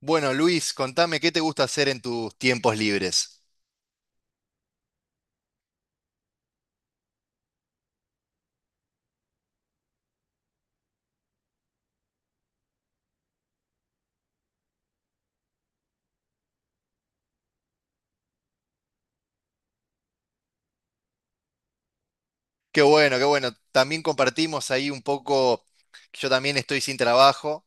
Bueno, Luis, contame qué te gusta hacer en tus tiempos libres. Qué bueno, qué bueno. También compartimos ahí un poco, yo también estoy sin trabajo,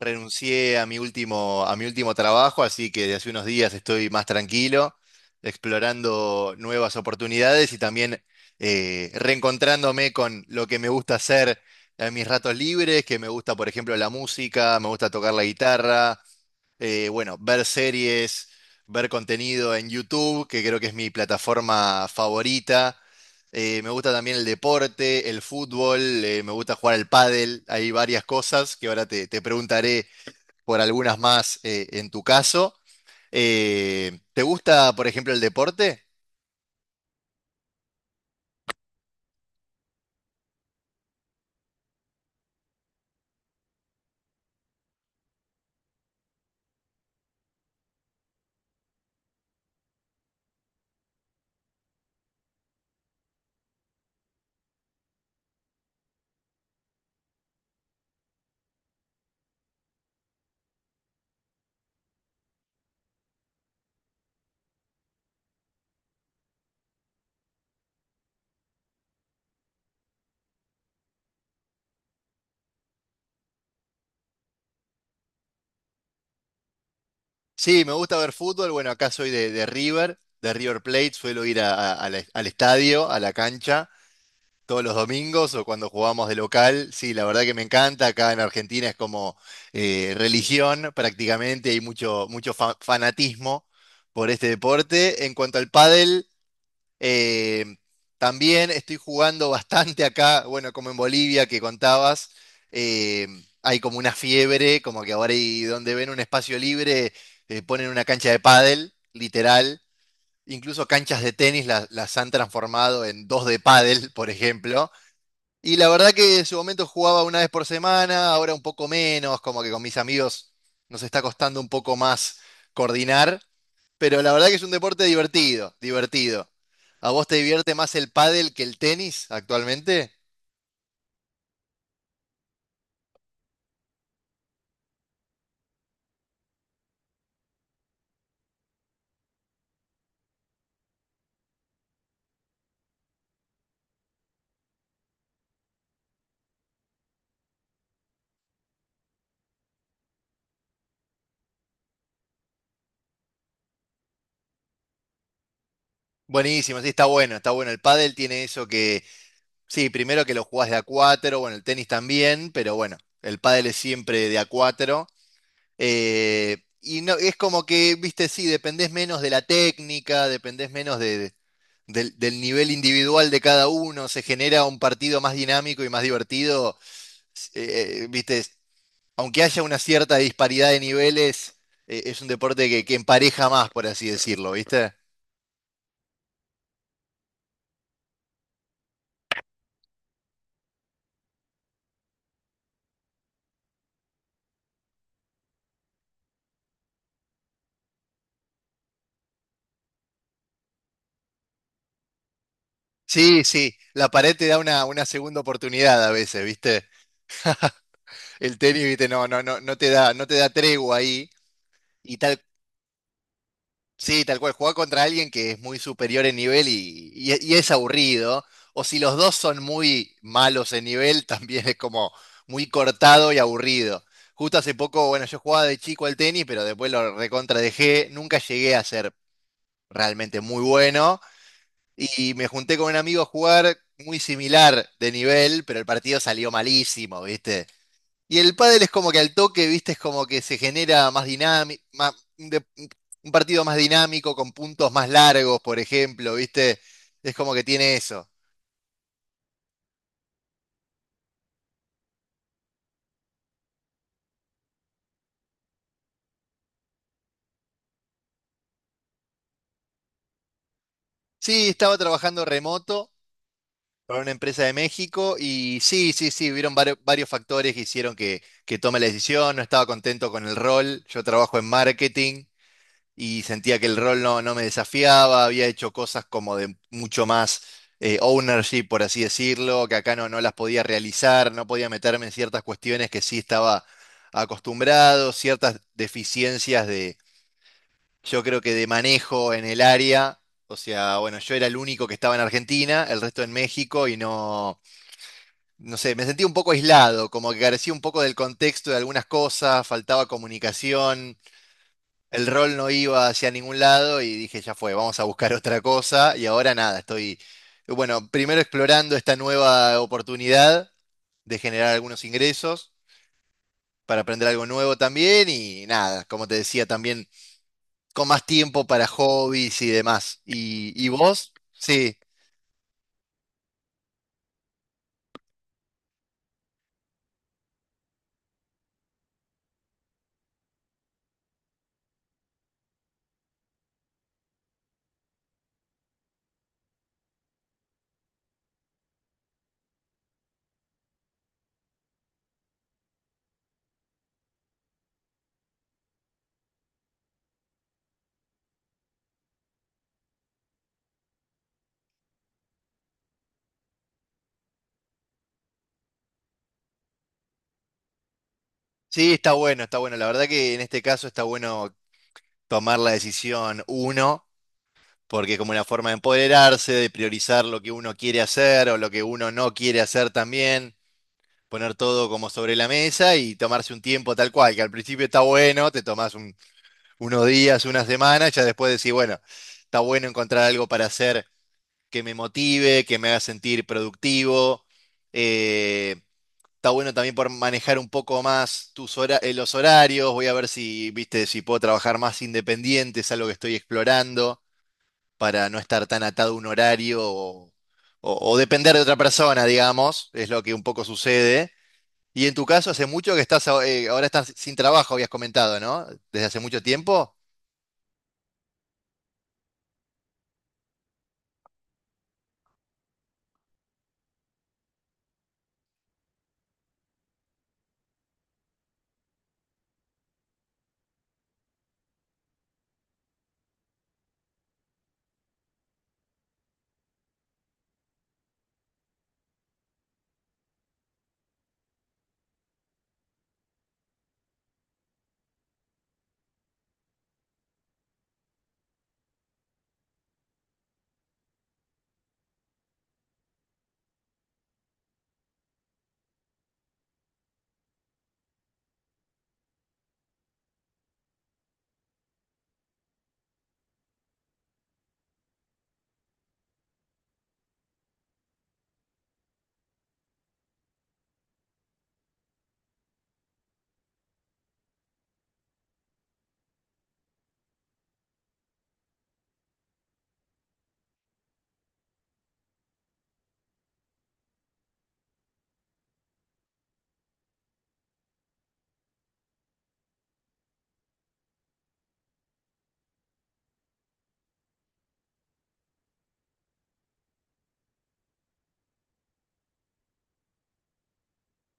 renuncié a mi último trabajo, así que desde hace unos días estoy más tranquilo, explorando nuevas oportunidades y también reencontrándome con lo que me gusta hacer en mis ratos libres, que me gusta, por ejemplo, la música, me gusta tocar la guitarra, bueno, ver series, ver contenido en YouTube, que creo que es mi plataforma favorita. Me gusta también el deporte, el fútbol, me gusta jugar al pádel. Hay varias cosas que ahora te preguntaré por algunas más en tu caso. ¿Te gusta, por ejemplo, el deporte? Sí, me gusta ver fútbol. Bueno, acá soy de River, de River Plate. Suelo ir al estadio, a la cancha, todos los domingos o cuando jugamos de local. Sí, la verdad que me encanta. Acá en Argentina es como religión prácticamente. Hay mucho, mucho fanatismo por este deporte. En cuanto al pádel, eh, también estoy jugando bastante acá. Bueno, como en Bolivia que contabas, eh, hay como una fiebre, como que ahora y donde ven un espacio libre, ponen una cancha de pádel, literal. Incluso canchas de tenis las han transformado en dos de pádel, por ejemplo. Y la verdad que en su momento jugaba una vez por semana, ahora un poco menos, como que con mis amigos nos está costando un poco más coordinar, pero la verdad que es un deporte divertido, divertido. ¿A vos te divierte más el pádel que el tenis actualmente? Buenísimo, sí, está bueno, está bueno. El pádel tiene eso que, sí, primero que lo jugás de a cuatro, bueno, el tenis también, pero bueno, el pádel es siempre de a cuatro. Y no, es como que, viste, sí, dependés menos de la técnica, dependés menos del, del nivel individual de cada uno, se genera un partido más dinámico y más divertido. Viste, aunque haya una cierta disparidad de niveles, es un deporte que empareja más, por así decirlo, ¿viste? Sí, sí, la pared te da una segunda oportunidad a veces, ¿viste? El tenis, ¿viste? No, no, no, no te da, no te da tregua ahí. Y tal, sí, tal cual, jugar contra alguien que es muy superior en nivel y es aburrido. O si los dos son muy malos en nivel, también es como muy cortado y aburrido. Justo hace poco, bueno, yo jugaba de chico al tenis, pero después lo recontra dejé. Nunca llegué a ser realmente muy bueno. Y me junté con un amigo a jugar muy similar de nivel, pero el partido salió malísimo, ¿viste? Y el pádel es como que al toque, viste, es como que se genera más dinámico, un partido más dinámico, con puntos más largos, por ejemplo, viste, es como que tiene eso. Sí, estaba trabajando remoto para una empresa de México y sí, varios factores que hicieron que tome la decisión, no estaba contento con el rol, yo trabajo en marketing y sentía que el rol no, no me desafiaba, había hecho cosas como de mucho más ownership, por así decirlo, que acá no, no las podía realizar, no podía meterme en ciertas cuestiones que sí estaba acostumbrado, ciertas deficiencias de, yo creo que de manejo en el área. O sea, bueno, yo era el único que estaba en Argentina, el resto en México y no, no sé, me sentía un poco aislado, como que carecía un poco del contexto de algunas cosas, faltaba comunicación, el rol no iba hacia ningún lado y dije, ya fue, vamos a buscar otra cosa. Y ahora nada, estoy, bueno, primero explorando esta nueva oportunidad de generar algunos ingresos para aprender algo nuevo también y nada, como te decía, también con más tiempo para hobbies y demás. ¿Y vos? Sí, sí, está bueno, está bueno. La verdad que en este caso está bueno tomar la decisión uno, porque es como una forma de empoderarse, de priorizar lo que uno quiere hacer o lo que uno no quiere hacer también. Poner todo como sobre la mesa y tomarse un tiempo tal cual, que al principio está bueno, te tomás unos días, unas semanas, ya después decís, bueno, está bueno encontrar algo para hacer que me motive, que me haga sentir productivo. eh, Está bueno también por manejar un poco más los horarios, voy a ver si, viste, si puedo trabajar más independiente, es algo que estoy explorando, para no estar tan atado a un horario o depender de otra persona, digamos, es lo que un poco sucede. Y en tu caso, hace mucho que ahora estás sin trabajo, habías comentado, ¿no? Desde hace mucho tiempo.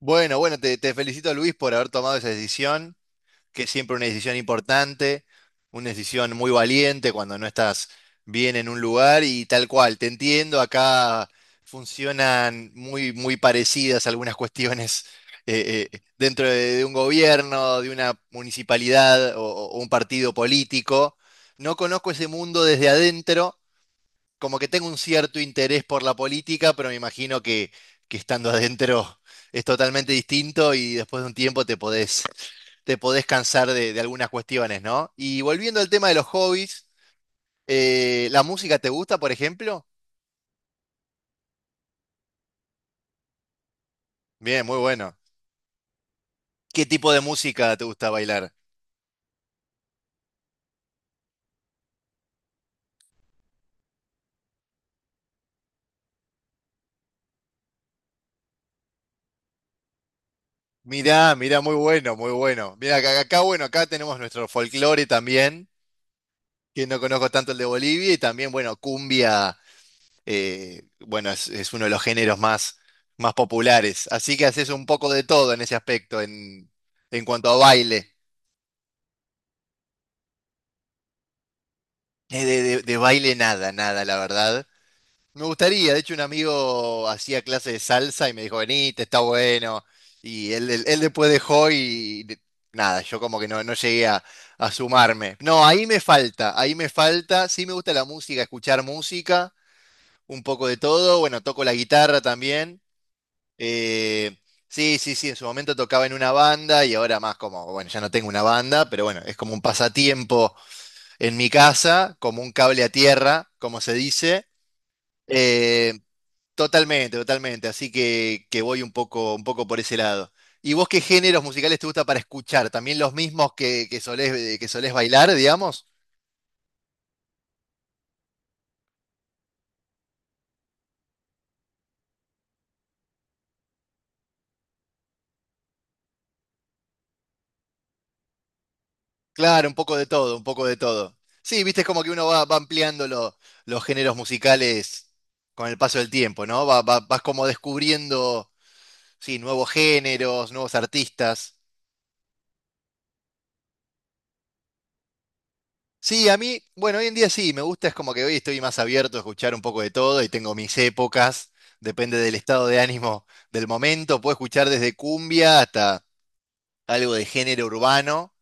Bueno, bueno, te felicito Luis por haber tomado esa decisión, que es siempre una decisión importante, una decisión muy valiente cuando no estás bien en un lugar y tal cual, te entiendo, acá funcionan muy, muy parecidas algunas cuestiones dentro de un gobierno, de una municipalidad o un partido político. No conozco ese mundo desde adentro, como que tengo un cierto interés por la política, pero me imagino que estando adentro es totalmente distinto y después de un tiempo te te podés cansar de algunas cuestiones, ¿no? Y volviendo al tema de los hobbies, ¿la música te gusta, por ejemplo? Bien, muy bueno. ¿Qué tipo de música te gusta bailar? Mirá, mirá, muy bueno, muy bueno. Mirá, bueno, acá tenemos nuestro folclore también, que no conozco tanto el de Bolivia, y también, bueno, cumbia, bueno, es uno de los géneros más, más populares. Así que haces un poco de todo en ese aspecto, en cuanto a baile. De baile nada, nada, la verdad. Me gustaría, de hecho un amigo hacía clase de salsa y me dijo, venite, está bueno. Y él, él después dejó nada, yo como que no, no llegué a sumarme. No, ahí me falta, ahí me falta. Sí me gusta la música, escuchar música, un poco de todo. Bueno, toco la guitarra también. Eh, sí, en su momento tocaba en una banda y ahora más como, bueno, ya no tengo una banda, pero bueno, es como un pasatiempo en mi casa, como un cable a tierra, como se dice. Eh, Totalmente, totalmente, así que voy un poco por ese lado. ¿Y vos qué géneros musicales te gusta para escuchar? ¿También los mismos que solés bailar, digamos? Claro, un poco de todo, un poco de todo. Sí, viste, es como que uno va, va ampliando los géneros musicales con el paso del tiempo, ¿no? Vas como descubriendo, sí, nuevos géneros, nuevos artistas. Sí, a mí, bueno, hoy en día sí, me gusta, es como que hoy estoy más abierto a escuchar un poco de todo y tengo mis épocas, depende del estado de ánimo del momento, puedo escuchar desde cumbia hasta algo de género urbano.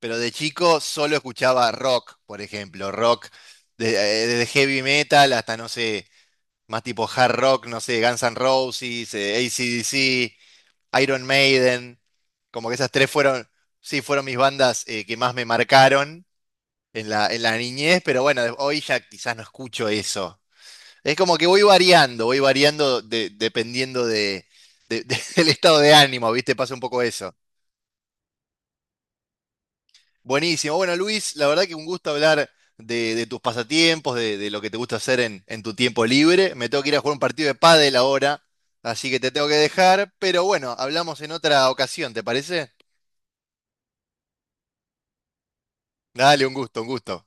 Pero de chico solo escuchaba rock, por ejemplo, de- desde heavy metal hasta, no sé, más tipo hard rock, no sé, Guns N' Roses, AC/DC, Iron Maiden, como que esas tres fueron, sí, fueron mis bandas que más me marcaron en la niñez, pero bueno, hoy ya quizás no escucho eso. Es como que voy variando dependiendo de, del estado de ánimo, ¿viste? Pasa un poco eso. Buenísimo. Bueno, Luis, la verdad que un gusto hablar de tus pasatiempos, de lo que te gusta hacer en tu tiempo libre. Me tengo que ir a jugar un partido de pádel ahora, así que te tengo que dejar, pero bueno, hablamos en otra ocasión, ¿te parece? Dale, un gusto, un gusto.